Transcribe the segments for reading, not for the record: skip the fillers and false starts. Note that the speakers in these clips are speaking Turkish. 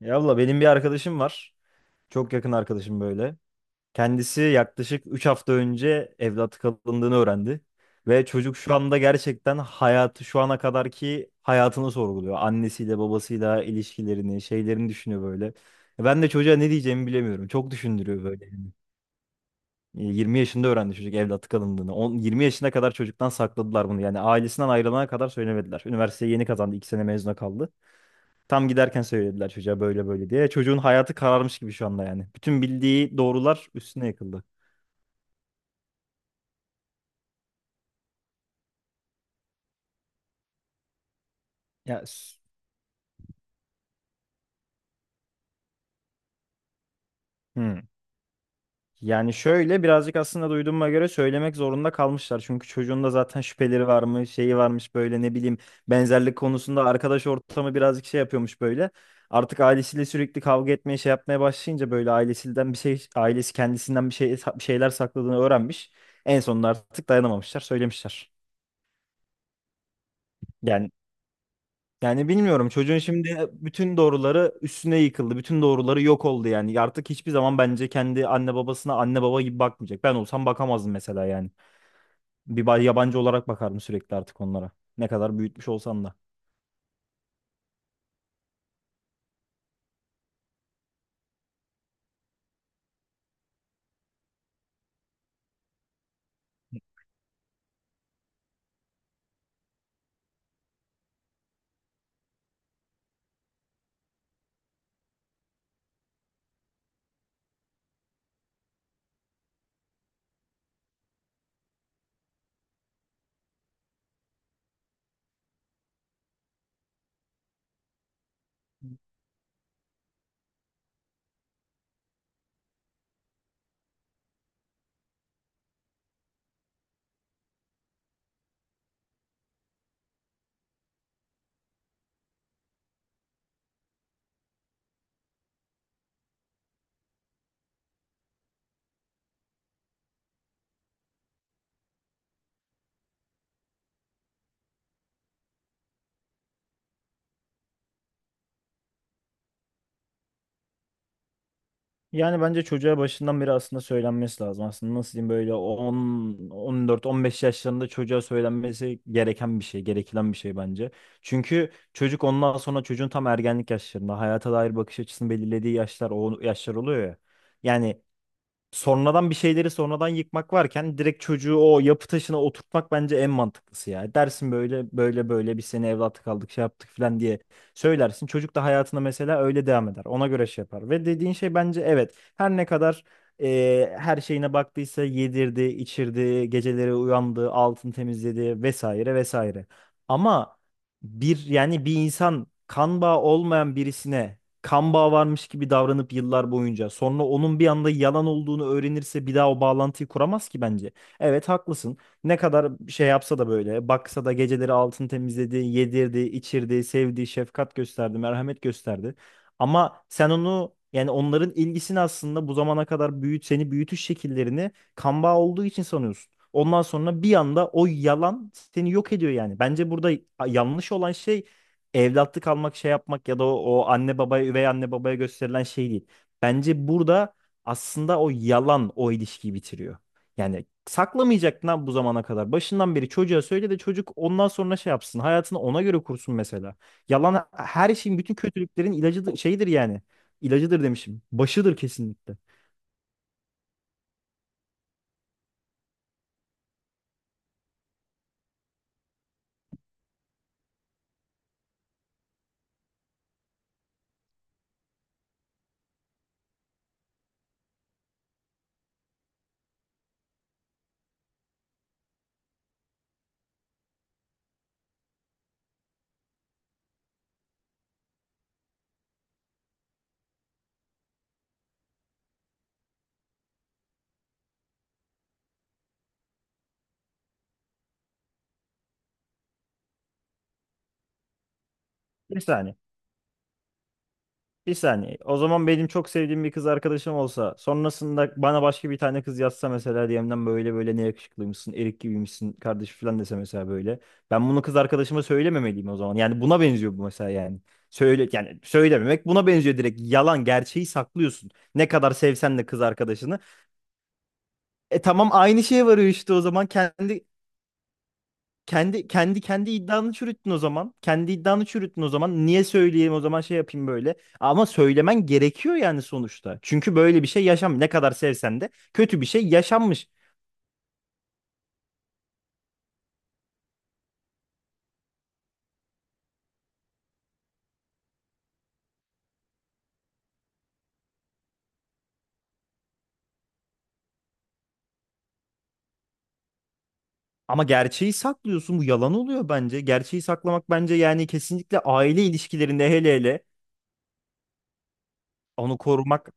Ya abla benim bir arkadaşım var. Çok yakın arkadaşım böyle. Kendisi yaklaşık 3 hafta önce evlat kalındığını öğrendi. Ve çocuk şu anda gerçekten hayatı şu ana kadarki hayatını sorguluyor. Annesiyle babasıyla ilişkilerini, şeylerini düşünüyor böyle. Ben de çocuğa ne diyeceğimi bilemiyorum. Çok düşündürüyor böyle, yani. 20 yaşında öğrendi çocuk evlat kalındığını. 10, 20 yaşına kadar çocuktan sakladılar bunu. Yani ailesinden ayrılana kadar söylemediler. Üniversiteyi yeni kazandı. İki sene mezuna kaldı. Tam giderken söylediler çocuğa böyle böyle diye. Çocuğun hayatı kararmış gibi şu anda yani. Bütün bildiği doğrular üstüne yıkıldı. Ya s- hmm. Yani şöyle birazcık aslında duyduğuma göre söylemek zorunda kalmışlar. Çünkü çocuğun da zaten şüpheleri varmış, şeyi varmış böyle ne bileyim benzerlik konusunda arkadaş ortamı birazcık şey yapıyormuş böyle. Artık ailesiyle sürekli kavga etmeye şey yapmaya başlayınca böyle ailesinden bir şey ailesi kendisinden bir şey bir şeyler sakladığını öğrenmiş. En sonunda artık dayanamamışlar, söylemişler. Yani yani bilmiyorum çocuğun şimdi bütün doğruları üstüne yıkıldı. Bütün doğruları yok oldu yani. Artık hiçbir zaman bence kendi anne babasına anne baba gibi bakmayacak. Ben olsam bakamazdım mesela yani. Yabancı olarak bakardım sürekli artık onlara. Ne kadar büyütmüş olsan da. Yani bence çocuğa başından beri aslında söylenmesi lazım. Aslında nasıl diyeyim böyle 10, 14, 15 yaşlarında çocuğa söylenmesi gereken bir şey, gerekilen bir şey bence. Çünkü çocuk ondan sonra çocuğun tam ergenlik yaşlarında hayata dair bakış açısını belirlediği yaşlar o yaşlar oluyor ya. Yani sonradan bir şeyleri sonradan yıkmak varken direkt çocuğu o yapı taşına oturtmak bence en mantıklısı ya. Dersin böyle böyle böyle biz seni evlatlık aldık şey yaptık falan diye söylersin. Çocuk da hayatına mesela öyle devam eder. Ona göre şey yapar. Ve dediğin şey bence evet her ne kadar her şeyine baktıysa yedirdi, içirdi, geceleri uyandı, altın temizledi vesaire vesaire. Ama bir yani bir insan kan bağı olmayan birisine kan bağı varmış gibi davranıp yıllar boyunca sonra onun bir anda yalan olduğunu öğrenirse bir daha o bağlantıyı kuramaz ki bence. Evet haklısın. Ne kadar şey yapsa da böyle baksa da geceleri altını temizledi, yedirdi, içirdi, sevdi, şefkat gösterdi, merhamet gösterdi. Ama sen onu yani onların ilgisini aslında bu zamana kadar büyüt seni büyütüş şekillerini kan bağı olduğu için sanıyorsun. Ondan sonra bir anda o yalan seni yok ediyor yani. Bence burada yanlış olan şey evlatlık almak şey yapmak ya da o, o anne babaya üvey anne babaya gösterilen şey değil. Bence burada aslında o yalan o ilişkiyi bitiriyor. Yani saklamayacaktın lan bu zamana kadar. Başından beri çocuğa söyle de çocuk ondan sonra şey yapsın. Hayatını ona göre kursun mesela. Yalan her şeyin bütün kötülüklerin ilacıdır, şeyidir yani. İlacıdır demişim. Başıdır kesinlikle. Bir saniye. Bir saniye. O zaman benim çok sevdiğim bir kız arkadaşım olsa sonrasında bana başka bir tane kız yazsa mesela DM'den böyle böyle ne yakışıklıymışsın, erik gibiymişsin kardeş falan dese mesela böyle. Ben bunu kız arkadaşıma söylememeliyim o zaman. Yani buna benziyor bu mesela yani. Söyle yani söylememek buna benziyor direkt. Yalan gerçeği saklıyorsun. Ne kadar sevsen de kız arkadaşını. E tamam aynı şeye varıyor işte o zaman. Kendi iddianı çürüttün o zaman. Kendi iddianı çürüttün o zaman. Niye söyleyeyim o zaman şey yapayım böyle. Ama söylemen gerekiyor yani sonuçta. Çünkü böyle bir şey yaşam ne kadar sevsen de kötü bir şey yaşanmış. Ama gerçeği saklıyorsun. Bu yalan oluyor bence. Gerçeği saklamak bence yani kesinlikle aile ilişkilerinde hele hele onu korumak.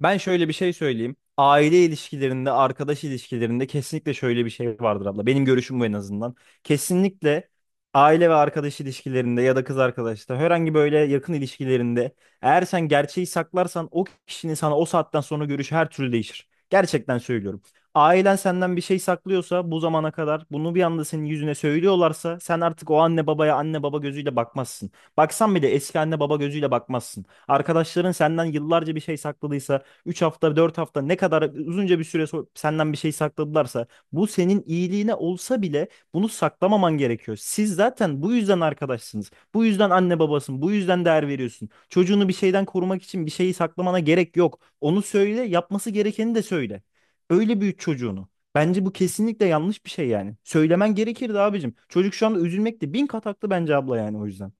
Ben şöyle bir şey söyleyeyim. Aile ilişkilerinde, arkadaş ilişkilerinde kesinlikle şöyle bir şey vardır abla. Benim görüşüm bu en azından. Kesinlikle aile ve arkadaş ilişkilerinde ya da kız arkadaşta herhangi böyle yakın ilişkilerinde eğer sen gerçeği saklarsan o kişinin sana o saatten sonra görüşü her türlü değişir. Gerçekten söylüyorum. Ailen senden bir şey saklıyorsa bu zamana kadar bunu bir anda senin yüzüne söylüyorlarsa sen artık o anne babaya anne baba gözüyle bakmazsın. Baksan bile eski anne baba gözüyle bakmazsın. Arkadaşların senden yıllarca bir şey sakladıysa üç hafta 4 hafta ne kadar uzunca bir süre senden bir şey sakladılarsa bu senin iyiliğine olsa bile bunu saklamaman gerekiyor. Siz zaten bu yüzden arkadaşsınız. Bu yüzden anne babasın. Bu yüzden değer veriyorsun. Çocuğunu bir şeyden korumak için bir şeyi saklamana gerek yok. Onu söyle, yapması gerekeni de söyle. Öyle büyüt çocuğunu. Bence bu kesinlikle yanlış bir şey yani. Söylemen gerekirdi abicim. Çocuk şu anda üzülmekte bin kat haklı bence abla yani o yüzden.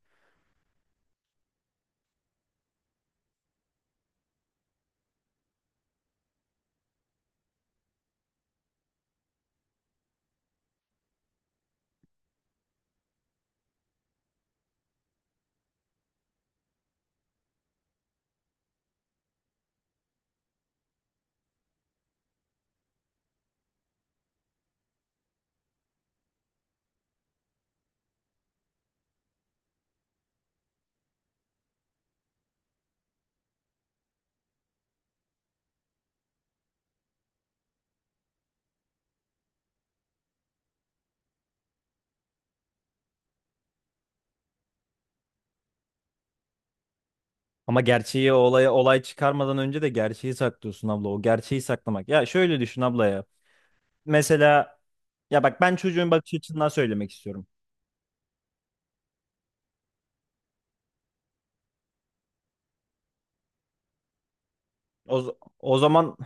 Ama gerçeği olaya olay çıkarmadan önce de gerçeği saklıyorsun abla. O gerçeği saklamak. Ya şöyle düşün abla ya. Mesela ya bak ben çocuğun bakış açısından söylemek istiyorum. O zaman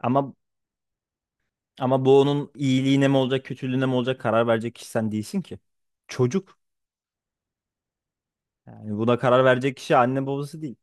ama ama bu onun iyiliğine mi olacak, kötülüğüne mi olacak karar verecek kişi sen değilsin ki. Çocuk. Yani buna karar verecek kişi anne babası değil.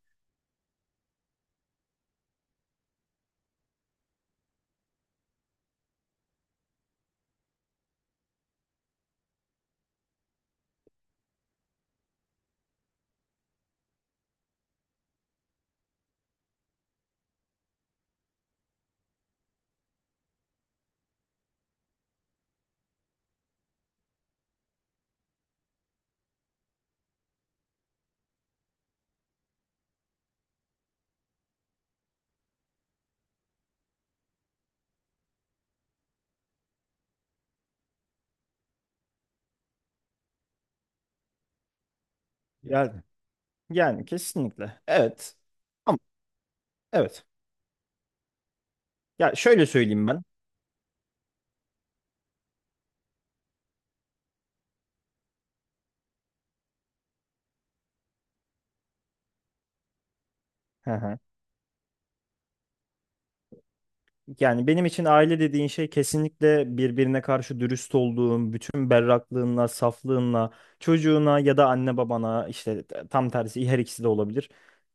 Yani yani kesinlikle. Evet. Ama evet. Ya şöyle söyleyeyim ben. Hı hı. Yani benim için aile dediğin şey kesinlikle birbirine karşı dürüst olduğun, bütün berraklığınla, saflığınla, çocuğuna ya da anne babana işte tam tersi her ikisi de olabilir.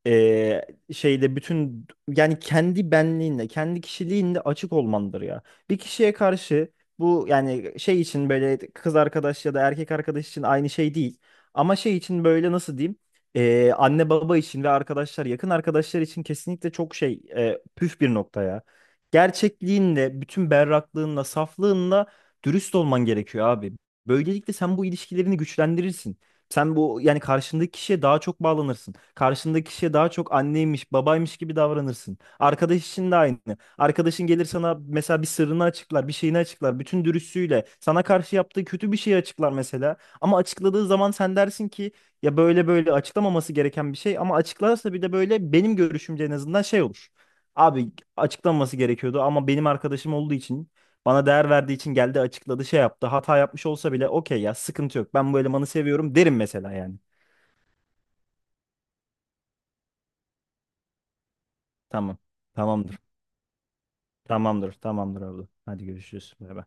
Ee, Şeyde bütün yani kendi benliğinle, kendi kişiliğinle açık olmandır ya. Bir kişiye karşı bu yani şey için böyle kız arkadaş ya da erkek arkadaş için aynı şey değil. Ama şey için böyle nasıl diyeyim? Anne baba için ve arkadaşlar yakın arkadaşlar için kesinlikle çok şey püf bir nokta ya gerçekliğinle, bütün berraklığınla, saflığınla dürüst olman gerekiyor abi. Böylelikle sen bu ilişkilerini güçlendirirsin. Sen bu yani karşındaki kişiye daha çok bağlanırsın. Karşındaki kişiye daha çok anneymiş, babaymış gibi davranırsın. Arkadaş için de aynı. Arkadaşın gelir sana mesela bir sırrını açıklar, bir şeyini açıklar. Bütün dürüstlüğüyle sana karşı yaptığı kötü bir şeyi açıklar mesela. Ama açıkladığı zaman sen dersin ki ya böyle böyle açıklamaması gereken bir şey ama açıklarsa bir de böyle benim görüşümce en azından şey olur. Abi açıklanması gerekiyordu ama benim arkadaşım olduğu için bana değer verdiği için geldi açıkladı şey yaptı. Hata yapmış olsa bile okey ya sıkıntı yok. Ben bu elemanı seviyorum derim mesela yani. Tamam. Tamamdır. Tamamdır. Tamamdır abla. Hadi görüşürüz. Bay bay.